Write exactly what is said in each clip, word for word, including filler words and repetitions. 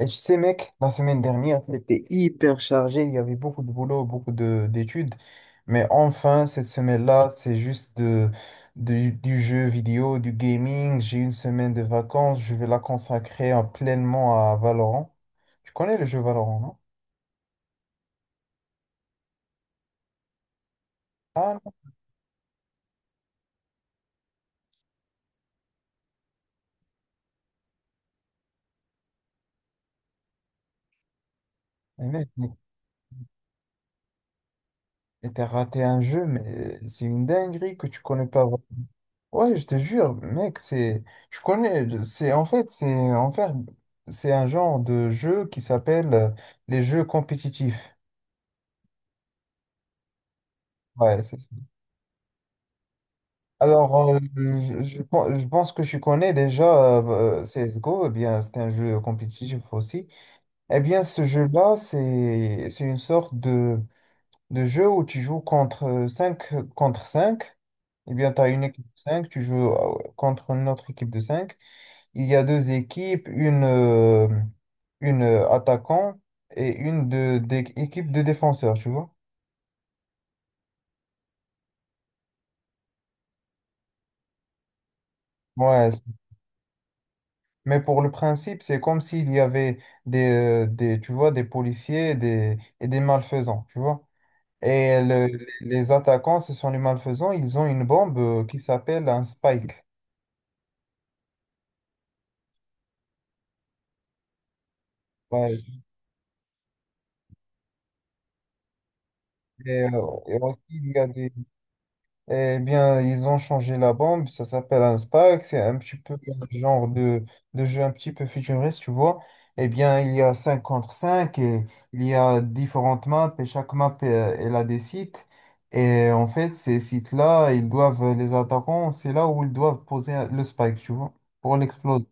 Et tu sais, mec, la semaine dernière, c'était hyper chargé. Il y avait beaucoup de boulot, beaucoup de d'études. Mais enfin, cette semaine-là, c'est juste de, de- du jeu vidéo, du gaming. J'ai une semaine de vacances. Je vais la consacrer euh, pleinement à Valorant. Tu connais le jeu Valorant, non? Ah non, mais mec, mais t'as raté un jeu, mais c'est une dinguerie que tu connais pas. Ouais, je te jure, mec, c'est, je connais, c'est en fait, c'est en fait, c'est un genre de jeu qui s'appelle euh, les jeux compétitifs. Ouais, c'est ça. Alors, euh, je, je pen- je pense que je connais déjà euh, C S G O. Eh bien, c'est un jeu compétitif aussi. Eh bien, ce jeu-là, c'est, c'est une sorte de, de jeu où tu joues contre cinq contre cinq. Eh bien, tu as une équipe de cinq, tu joues euh, contre une autre équipe de cinq. Il y a deux équipes, une, euh, une euh, attaquant et une de, des équipes de défenseurs, tu vois. Ouais, c'est- mais pour le principe, c'est comme s'il y avait des, euh, des, tu vois, des policiers et des, et des malfaisants, tu vois. Et le- les attaquants, ce sont les malfaisants, ils ont une bombe euh, qui s'appelle un spike. Ouais, et, euh, et aussi, il y a des, eh bien, ils ont changé la bombe, ça s'appelle un SPAC, c'est un petit peu un genre de, de jeu un petit peu futuriste, tu vois. Eh bien, il y a cinq contre cinq et il y a différentes maps et chaque map, euh, elle a des sites. Et en fait, ces sites-là, ils doivent, les attaquants, c'est là où ils doivent poser un- le spike, tu vois, pour l'exploser.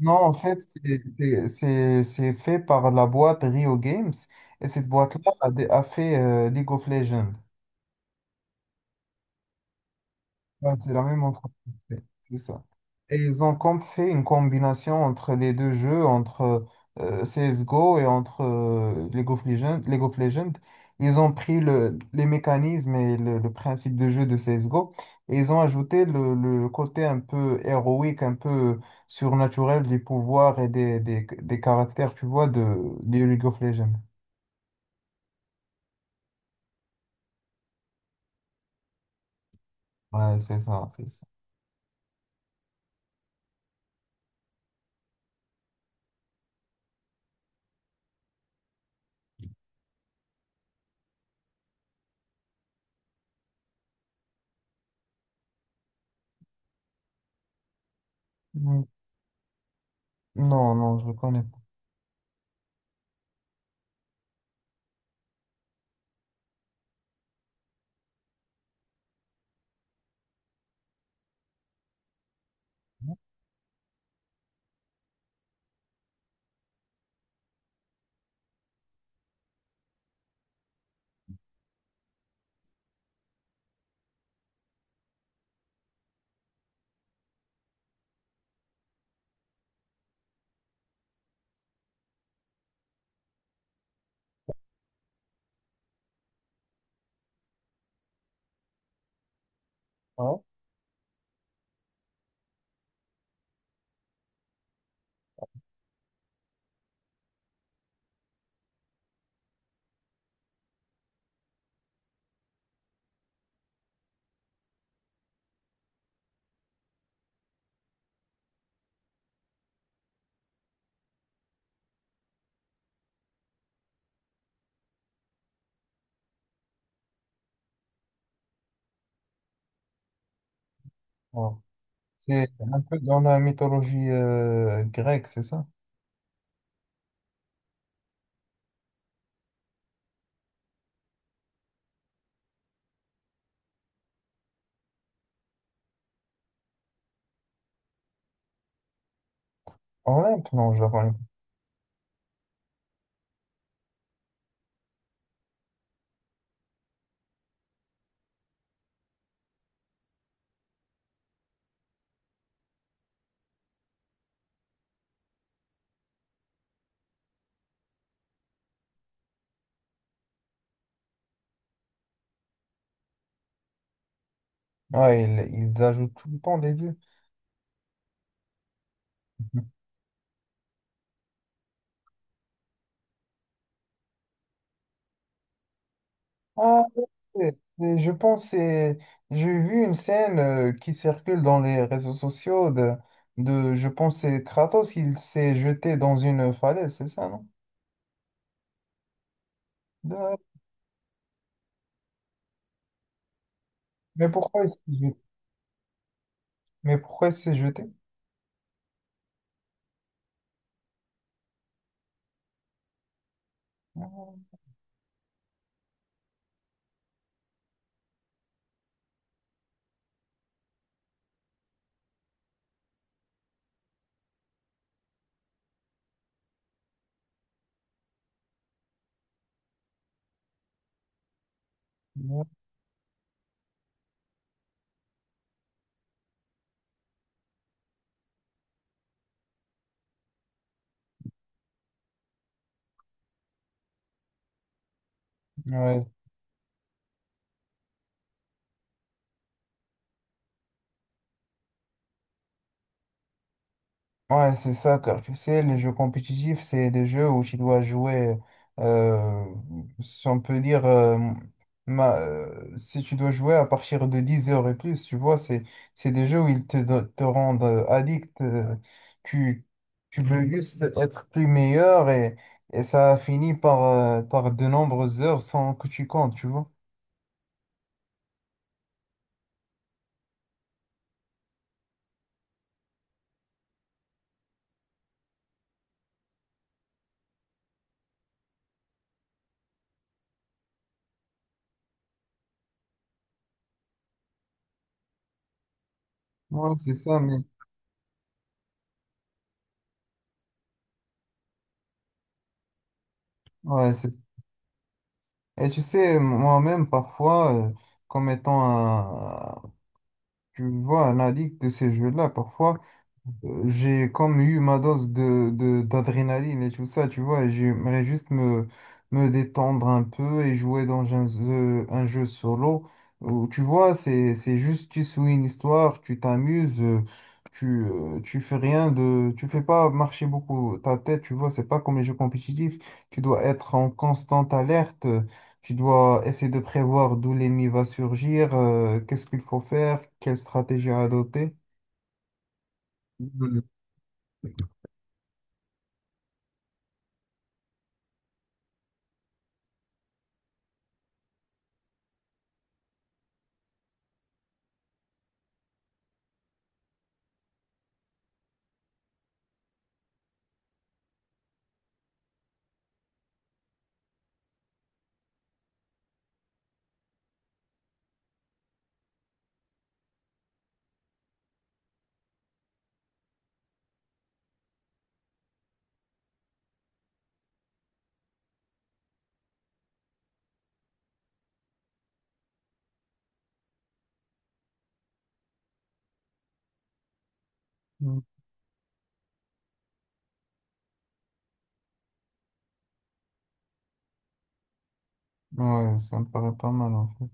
Non, en fait, c'est c'est- c'est- c'est fait par la boîte Rio Games et cette boîte-là a, dé- a fait euh, League of Legends. Ouais, c'est la même entreprise, c'est c'est ça. Et ils ont com- fait une combinaison entre les deux jeux, entre euh, C S G O et entre euh, League of Legends, League of Legends. Ils ont pris le, les mécanismes et le, le principe de jeu de C S G O et ils ont ajouté le, le côté un peu héroïque, un peu surnaturel des pouvoirs et des, des, des caractères, tu vois, de, de League of Legends. Ouais, c'est ça, c'est ça. Mm. Non, non, je ne connais pas. Ouais. Ouais. C'est un peu dans la mythologie euh, grecque, c'est ça? Olympe, non, je la connais pas. Ouais, ils, ils ajoutent tout le temps des dieux. Ah, ouais, c'est- je pense, que c'est- j'ai vu une scène euh, qui circule dans les réseaux sociaux de, de je pense, que c'est Kratos, il s'est jeté dans une falaise, c'est ça, non? De- Mais pourquoi il s'est jeté? Mais pourquoi il s'est jeté? Ouais, ouais, ouais, c'est ça, car tu sais, les jeux compétitifs, c'est des jeux où tu dois jouer, euh, si on peut dire, euh, ma- euh, si tu dois jouer à partir de dix heures et plus, tu vois, c'est, c'est des jeux où ils te, do- te rendent euh, addict, euh, tu, tu veux Mhm. juste être plus meilleur et, et ça finit par, euh, par de nombreuses heures sans que tu comptes, tu vois. Ouais, c'est ça, mais ouais, c'est. Et tu sais, moi-même, parfois, euh, comme étant un, tu vois, un addict de ces jeux-là, parfois, euh, j'ai comme eu ma dose de, de- d'adrénaline et tout ça, tu vois, et j'aimerais juste me, me détendre un peu et jouer dans un jeu, un jeu solo où, tu vois, c'est, c'est juste, tu suis une histoire, tu t'amuses, euh, tu, euh, tu fais rien de, tu fais pas marcher beaucoup ta tête, tu vois, c'est pas comme les jeux compétitifs, tu dois être en constante alerte. euh, Tu dois essayer de prévoir d'où l'ennemi va surgir, euh, qu'est-ce qu'il faut faire, quelle stratégie à adopter. Mhm. Ouais, ça me paraît pas mal en fait.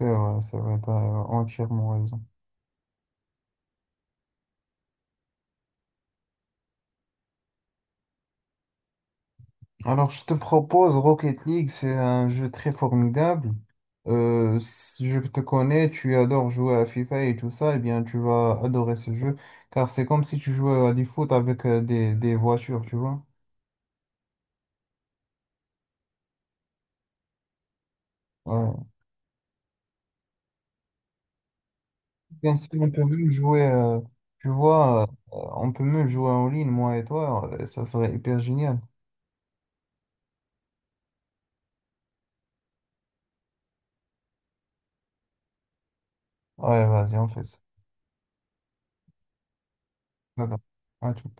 C'est vrai, c'est vrai, t'as entièrement raison. Alors, je te propose Rocket League, c'est un jeu très formidable. Euh, si je te connais, tu adores jouer à FIFA et tout ça, eh bien, tu vas adorer ce jeu, car c'est comme si tu jouais à du foot avec euh, des, des voitures, tu vois. Ouais. Bien sûr, on peut même jouer, euh, tu vois, euh, on peut même jouer en ligne, moi et toi, euh, ça serait hyper génial. Ouais, vas-y, on fait ça. Bye bye. À tout.